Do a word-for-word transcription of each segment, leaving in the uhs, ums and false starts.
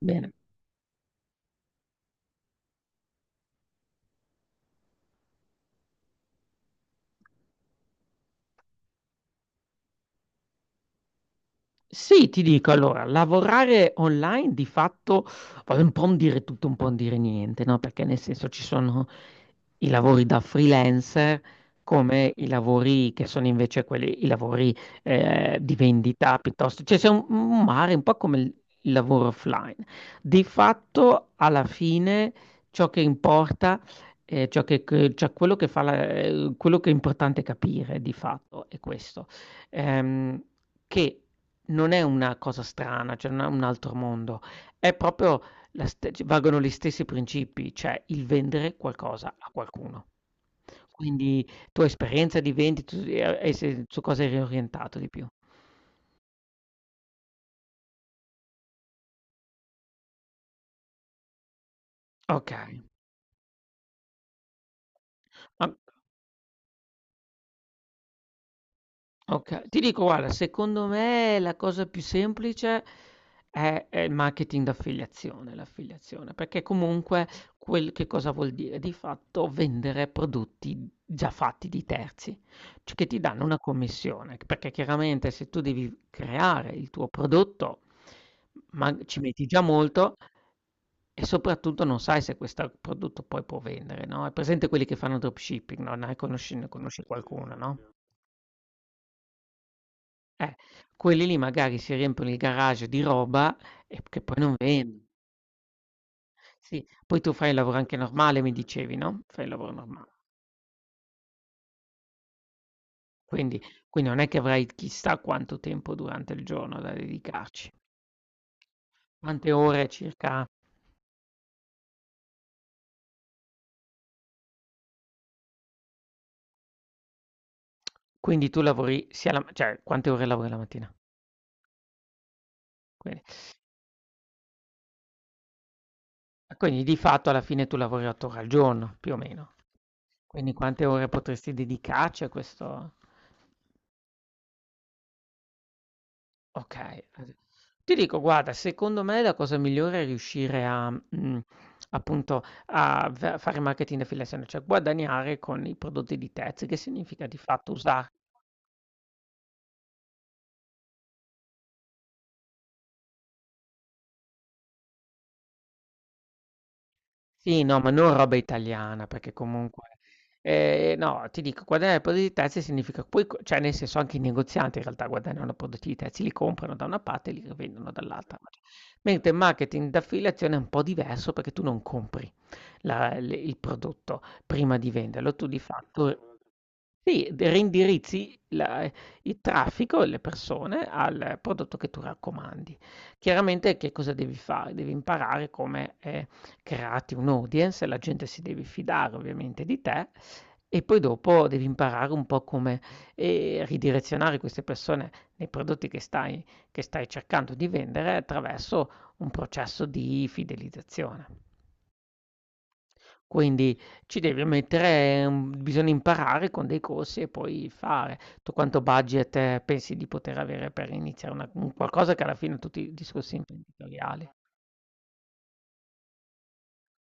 Bene. Sì, ti dico, allora, lavorare online di fatto, poi un po' un dire tutto, un po' un dire niente, no? Perché nel senso ci sono i lavori da freelancer come i lavori che sono invece quelli, i lavori eh, di vendita piuttosto, cioè c'è un, un mare un po' come il, il lavoro offline. Di fatto, alla fine, ciò che importa, eh, ciò che, che- cioè quello che fa la- eh, quello che è importante capire di fatto è questo. Ehm, che non è una cosa strana, cioè non è un altro mondo, è proprio la st c valgono gli stessi principi, cioè il vendere qualcosa a qualcuno. Quindi tua esperienza di vendita tu e e se su cosa eri orientato di più? Okay, ma Oka ti dico guarda, secondo me la cosa più semplice è è il marketing d'affiliazione, l'affiliazione, perché comunque quel che cosa vuol dire? Di fatto vendere prodotti già fatti di terzi, cioè che ti danno una commissione, perché chiaramente se tu devi creare il tuo prodotto, ma ci metti già molto e soprattutto non sai se questo prodotto poi può vendere, no? È presente quelli che fanno dropshipping, no? Ne conosci ne conosci qualcuno, no? Eh, Quelli lì magari si riempiono il garage di roba e che poi non vendi. Sì, poi tu fai il lavoro anche normale, mi dicevi, no? Fai il lavoro normale. Quindi, quindi non è che avrai chissà quanto tempo durante il giorno da dedicarci. Quante ore circa? Quindi tu lavori sia la, cioè quante ore lavori la mattina? Quindi, quindi di fatto alla fine tu lavori otto ore al giorno, più o meno. Quindi quante ore potresti dedicarci a questo? Okay, ad ti dico guarda, secondo me la cosa migliore è riuscire a mhmm, appunto a v fare marketing affiliation, cioè guadagnare con i prodotti di terzi, che significa di fatto usa sì, no, ma non roba italiana, perché comunque ehm, no, ti dico guadagnare prodotti di terzi significa poi co cioè nel senso anche i negozianti in realtà guadagnano prodotti di terzi, li comprano da una parte e li rivendono dall'altra, mentre il marketing d'affiliazione è un po' diverso perché tu non compri. La il il prodotto prima di venderlo. Tu di fatto sì, d reindirizzi la ehm, il traffico, e le persone al prodotto che tu raccomandi. Chiaramente che cosa devi fare? Devi imparare come, ehm, crearti un'audience, la gente si deve fidare ovviamente di te e poi dopo devi imparare un po' come, ehm, ridirezionare queste persone nei prodotti che stai che stai cercando di vendere attraverso un processo di fidelizzazione. Quindi ci devi mettere un bisogna imparare con dei corsi e poi fare. Tu quanto budget eh, pensi di poter avere per iniziare una un qualcosa che alla fine tutti i discorsi imprenditoriali?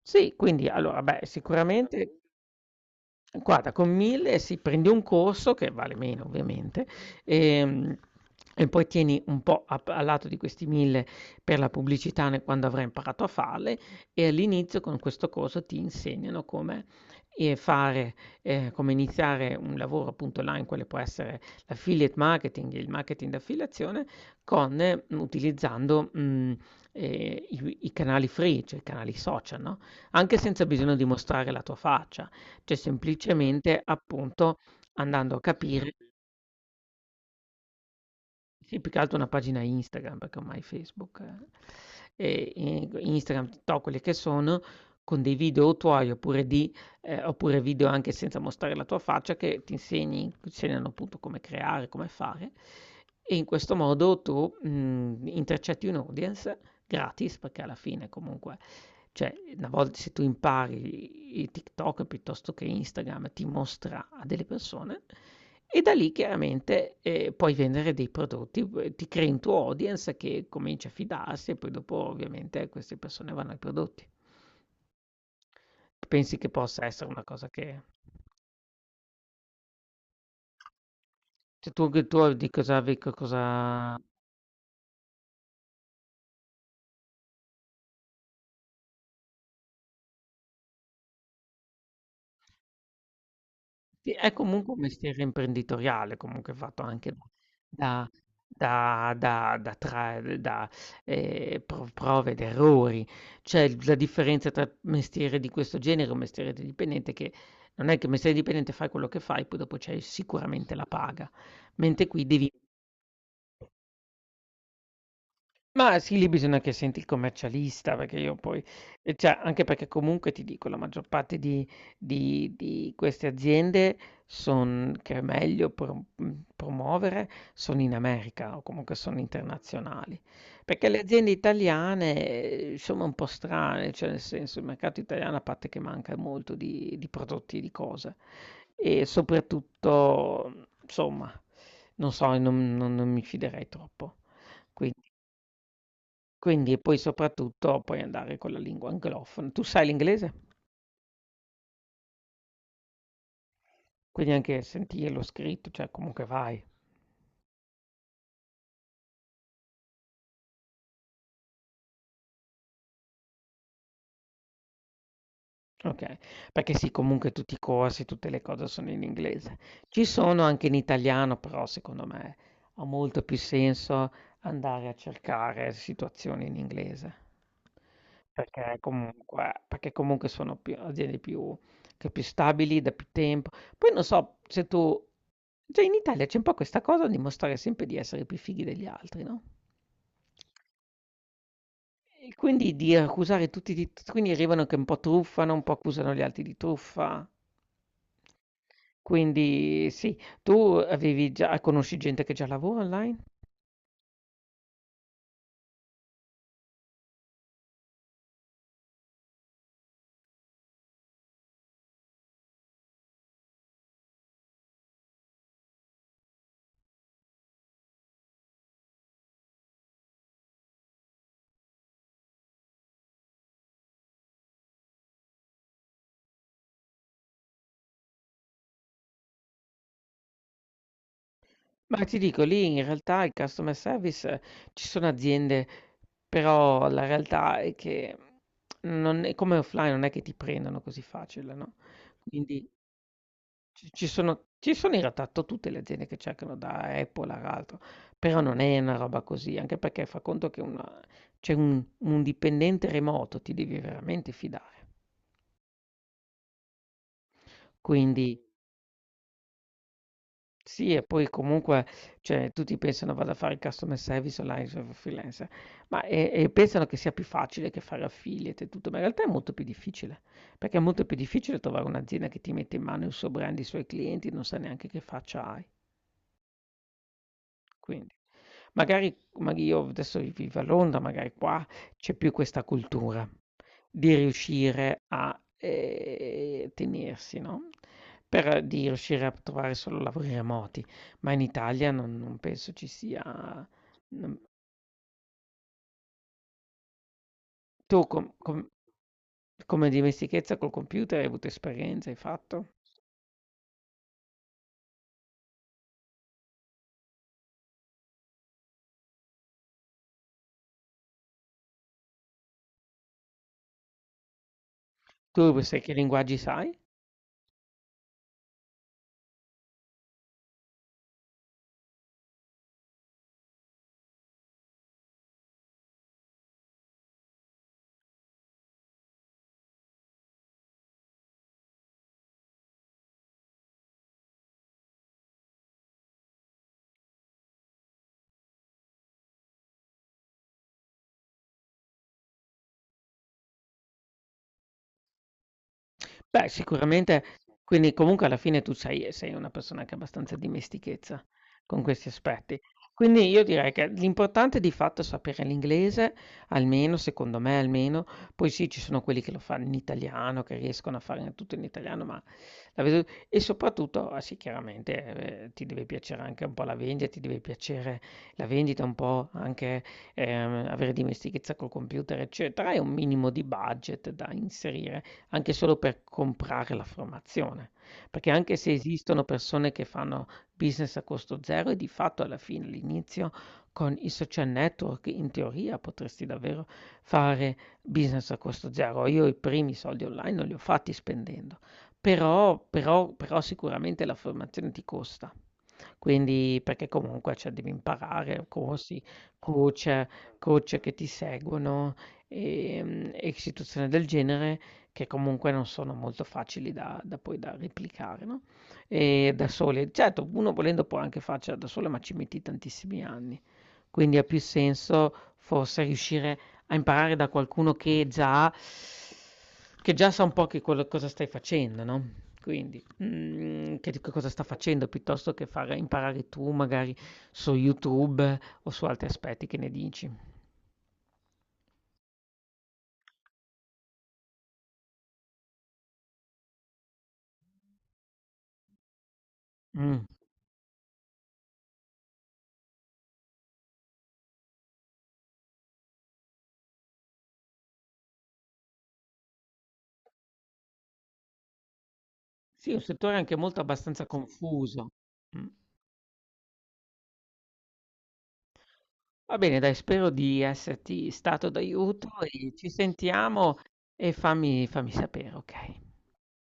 Sì, quindi allora beh, sicuramente guarda, con mille sì, prendi un corso che vale meno ovviamente, ehm, e poi tieni un po' a p a lato di questi mille per la pubblicità ne quando avrai imparato a farle, e all'inizio con questo corso ti insegnano come, ehm, fare ehm, come iniziare un lavoro appunto online, quale può essere l'affiliate marketing, il marketing d'affiliazione con eh, utilizzando, mhmm, ehm, i i canali free, cioè i canali social, no? Anche senza bisogno di mostrare la tua faccia, cioè semplicemente appunto andando a capire sì, più che altro una pagina Instagram, perché ormai Facebook eh, e in Instagram, TikTok, quelle che sono, con dei video tuoi oppure di, eh, oppure video anche senza mostrare la tua faccia che ti insegni, ti insegnano appunto come creare, come fare. E in questo modo tu mh, intercetti un audience gratis, perché alla fine comunque, cioè, una volta se tu impari i TikTok piuttosto che Instagram, ti mostra a delle persone e da lì chiaramente, ehm, puoi vendere dei prodotti, uhm, ti crei un tuo audience che comincia a fidarsi e poi dopo ovviamente queste persone vanno ai prodotti. Pensi che possa essere una cosa che cioè tu che tu di cosa vi co cosa sì, è comunque un mestiere imprenditoriale, comunque fatto anche da, da, da, da, tra- da, eh, pro- prove ed errori. C'è la differenza tra mestiere di questo genere e un mestiere di dipendente che non è che il mestiere di dipendente fai quello che fai, poi dopo c'è sicuramente la paga, mentre qui devi ma sì, lì bisogna che senti il commercialista, perché io poi ehm, cioè anche perché comunque ti dico la maggior parte di di di queste aziende son che è meglio pro mhmm, promuovere, sono in America o comunque sono internazionali. Perché le aziende italiane sono un po' strane, cioè nel senso il mercato italiano a parte che manca molto di di prodotti e di cose, e soprattutto, mhmm, insomma, non so, non non non mi fiderei troppo. Quindi quindi e poi soprattutto puoi andare con la lingua anglofona. Tu sai l'inglese? Quindi anche sentirlo scritto, cioè comunque vai. Okay, perché sì, comunque tutti i corsi, tutte le cose sono in inglese. Ci sono anche in italiano, però secondo me ha molto più senso andare a cercare situazioni in inglese. Perché comunque perché comunque sono più aziende più che più stabili da più tempo. Poi non so se tu cioè in Italia c'è un po' questa cosa di mostrare sempre di essere più fighi degli altri, no? E quindi di accusare tutti di t quindi arrivano che un po' truffano, un po' accusano gli altri di truffa. Quindi sì. Tu avevi già conosci gente che già lavora online? Ma ti dico, lì in realtà il customer service eh, ci sono aziende, però la realtà è che non è come offline non è che ti prendano così facile, no, quindi Ci ci sono ci sono in realtà to tutte le aziende che cercano da Apple ad altro, però non è una roba così, anche perché fa conto che una cioè un un dipendente remoto ti devi veramente fidare. Quindi sì, e poi comunque, cioè tutti pensano vado a fare il customer service online f freelancer, ma e e pensano che sia più facile che fare affiliate e tutto, ma in realtà è molto più difficile, perché è molto più difficile trovare un'azienda che ti mette in mano il suo brand, i suoi clienti, non sa neanche che faccia hai. Quindi magari magari io adesso vivo a Londra, magari qua c'è più questa cultura di riuscire a, ehm, tenersi, no, per eh, di riuscire a trovare solo lavori remoti, ma in Italia non non penso ci sia non tu com com come dimestichezza col computer hai avuto esperienza, hai fatto? Tu sai che linguaggi sai? Beh, sicuramente quindi comunque alla fine tu sei sei una persona che ha abbastanza dimestichezza con questi aspetti. Quindi io direi che l'importante di fatto è sapere l'inglese, almeno secondo me almeno, poi sì ci sono quelli che lo fanno in italiano, che riescono a fare tutto in italiano, ma la vedo e soprattutto, ah sì chiaramente, ehm, ti deve piacere anche un po' la vendita, ti deve piacere la vendita, un po' anche, ehm, avere dimestichezza col computer eccetera, e un minimo di budget da inserire anche solo per comprare la formazione, perché anche se esistono persone che fanno business a costo zero e di fatto alla fine, all'inizio con i social network in teoria potresti davvero fare business a costo zero. Io i primi soldi online non li ho fatti spendendo, però, però, però sicuramente la formazione ti costa. Quindi perché comunque cioè, devi imparare corsi, coach, coach che ti seguono e, mm, e situazioni del genere che comunque non sono molto facili da, da poi da replicare, no? E da soli, certo, uno volendo può anche farcela da solo, ma ci metti tantissimi anni. Quindi ha più senso forse riuscire a imparare da qualcuno che già, che già sa un po' che quello- cosa stai facendo, no? Quindi. Mhmm, che di che cosa sta facendo, piuttosto che far imparare tu magari su YouTube o su altri aspetti, che ne dici? Mh. Sì, è un settore anche molto abbastanza confuso. Mh. Va bene dai, spero di esserti stato d'aiuto e ci sentiamo e fammi fammi sapere, okay?